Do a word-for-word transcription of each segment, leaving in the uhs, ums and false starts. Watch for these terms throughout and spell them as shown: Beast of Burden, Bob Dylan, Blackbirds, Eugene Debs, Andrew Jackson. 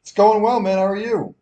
It's going well, man. How are you?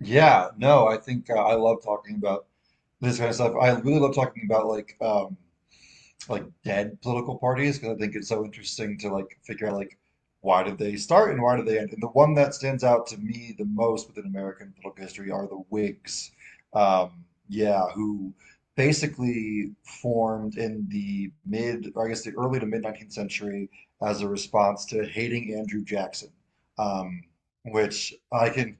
Yeah, no, I think uh, I love talking about this kind of stuff. I really love talking about like um like dead political parties because I think it's so interesting to like figure out like why did they start and why did they end. And the one that stands out to me the most within American political history are the Whigs. Um, yeah, who basically formed in the mid, or I guess the early to mid nineteenth century as a response to hating Andrew Jackson. Um, which I can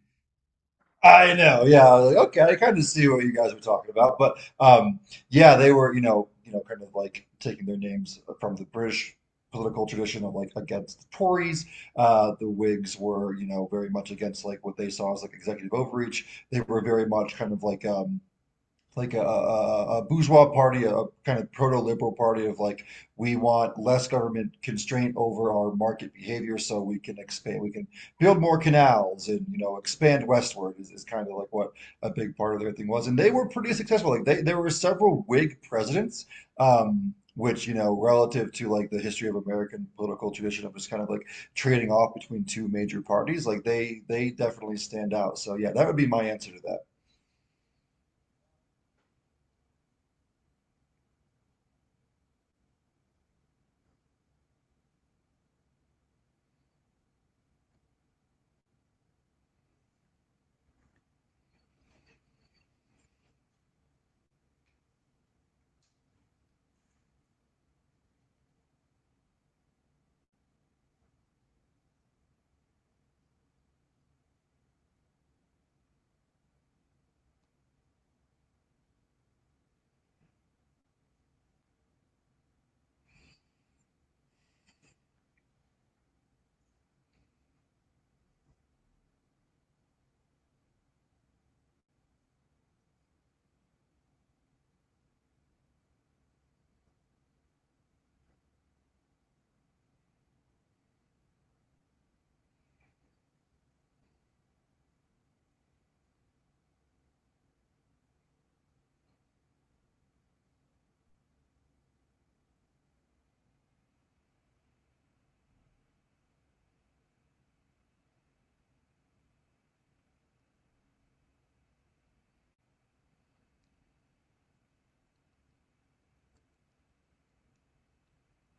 I know. Yeah. I was like, okay, I kind of see what you guys were talking about, but um, yeah, they were, you know, you know, kind of like taking their names from the British political tradition of like against the Tories. Uh, the Whigs were, you know, very much against like what they saw as like executive overreach. They were very much kind of like um, like a, a, a bourgeois party, a kind of proto-liberal party of like we want less government constraint over our market behavior, so we can expand, we can build more canals and you know expand westward is, is kind of like what a big part of their thing was, and they were pretty successful. Like they, there were several Whig presidents, um, which you know relative to like the history of American political tradition of just kind of like trading off between two major parties, like they they definitely stand out. So yeah, that would be my answer to that.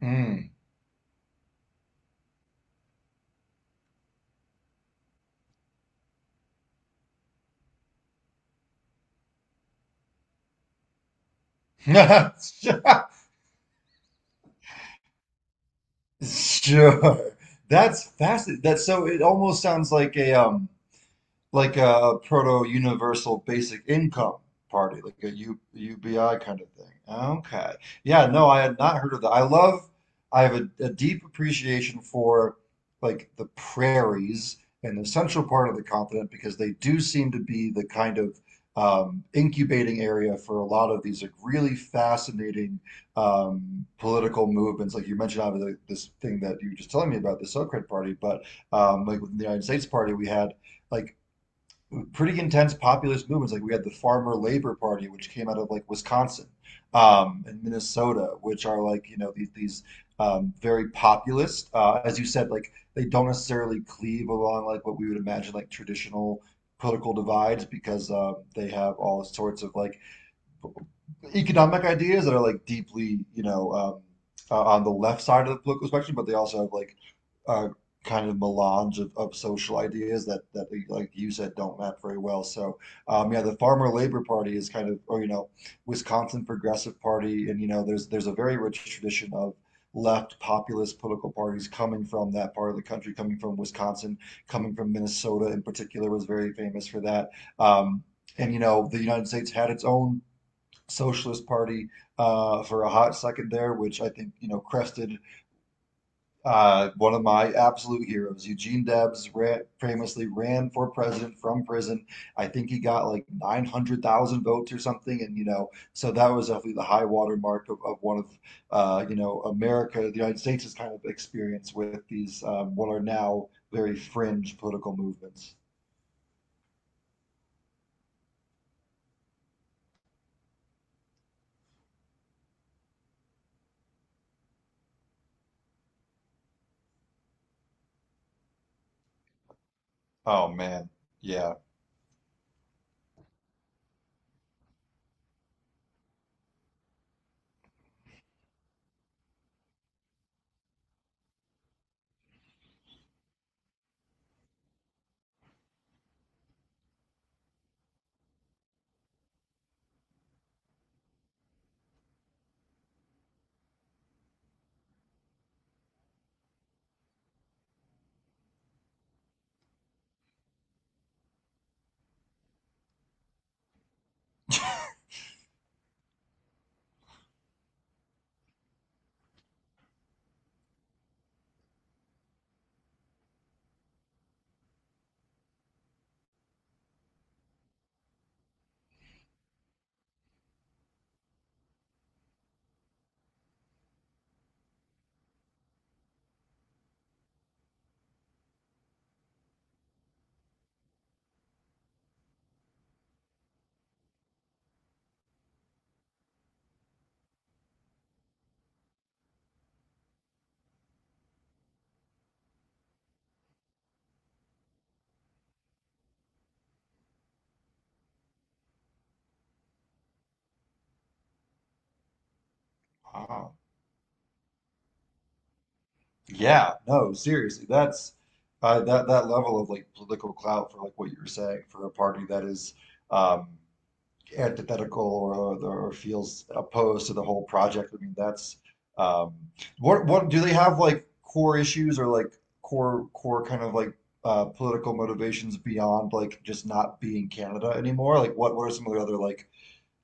Mm. Sure. That's fascinating. That so it almost sounds like a um like a proto universal basic income party, like a U, UBI kind of thing. Okay. Yeah, no, I had not heard of that. I love, I have a, a deep appreciation for like the prairies and the central part of the continent because they do seem to be the kind of um, incubating area for a lot of these like really fascinating um, political movements. Like you mentioned, obviously, like, this thing that you were just telling me about, the Socrat Party, but um, like within the United States Party, we had like pretty intense populist movements. Like we had the Farmer Labor Party, which came out of like Wisconsin um, and Minnesota, which are like you know these these um, very populist. Uh, as you said, like they don't necessarily cleave along like what we would imagine like traditional political divides because uh, they have all sorts of like economic ideas that are like deeply, you know, um, uh, on the left side of the political spectrum, but they also have like uh, kind of melange of, of social ideas that that like you said don't map very well. So um, yeah, the Farmer Labor Party is kind of, or you know, Wisconsin Progressive Party, and you know, there's there's a very rich tradition of left populist political parties coming from that part of the country, coming from Wisconsin, coming from Minnesota in particular was very famous for that. Um, and you know, the United States had its own Socialist Party uh, for a hot second there, which I think you know crested uh, one of my absolute heroes. Eugene Debs ran, famously ran for president from prison. I think he got like nine hundred thousand votes or something, and you know, so that was definitely the high water mark of, of one of uh, you know America, the United States' kind of experience with these um, what are now very fringe political movements. Oh man, yeah. Uh, Yeah, no, seriously, that's uh, that that level of like political clout for like what you were saying for a party that is um, antithetical or, or or feels opposed to the whole project. I mean, that's um, what what do they have like core issues or like core core kind of like uh, political motivations beyond like just not being Canada anymore? Like, what what are some of their other like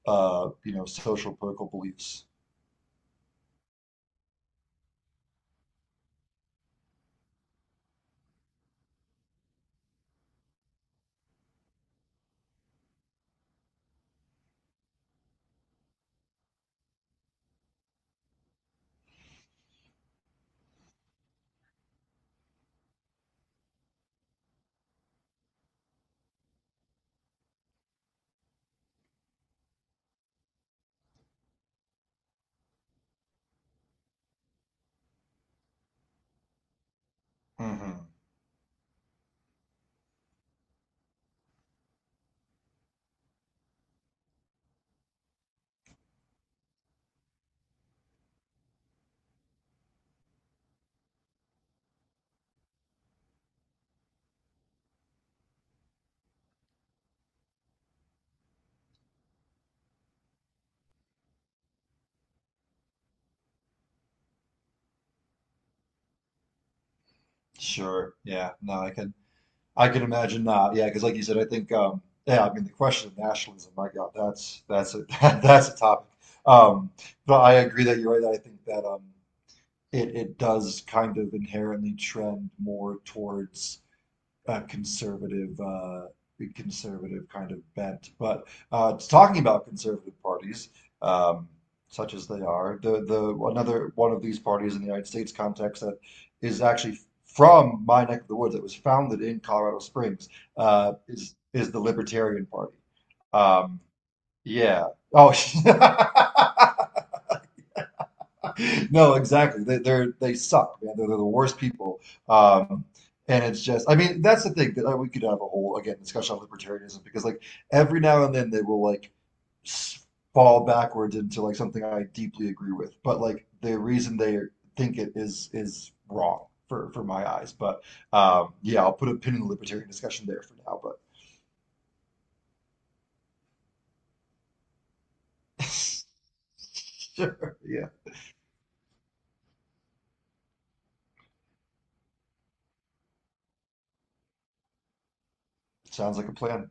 uh, you know social political beliefs? Hmm. Sure. Yeah. No, I can. I can imagine not. Yeah, because like you said, I think um, yeah, I mean the question of nationalism, my God, that's that's a that's a topic. Um, but I agree that you're right. I think that um, it it does kind of inherently trend more towards a conservative uh, conservative kind of bent. But uh, talking about conservative parties, um, such as they are, the the another one of these parties in the United States context that is actually from my neck of the woods that was founded in Colorado Springs uh, is is the Libertarian Party. Um, yeah. Oh. No, exactly. They, they're they suck, man. They're, they're the worst people. Um, and it's just, I mean, that's the thing that uh, we could have a whole again discussion on libertarianism because like every now and then they will like s- fall backwards into like something I deeply agree with, but like the reason they think it is is wrong for for my eyes. But um, yeah, I'll put a pin in the libertarian discussion there for now. But sure, yeah, sounds like a plan.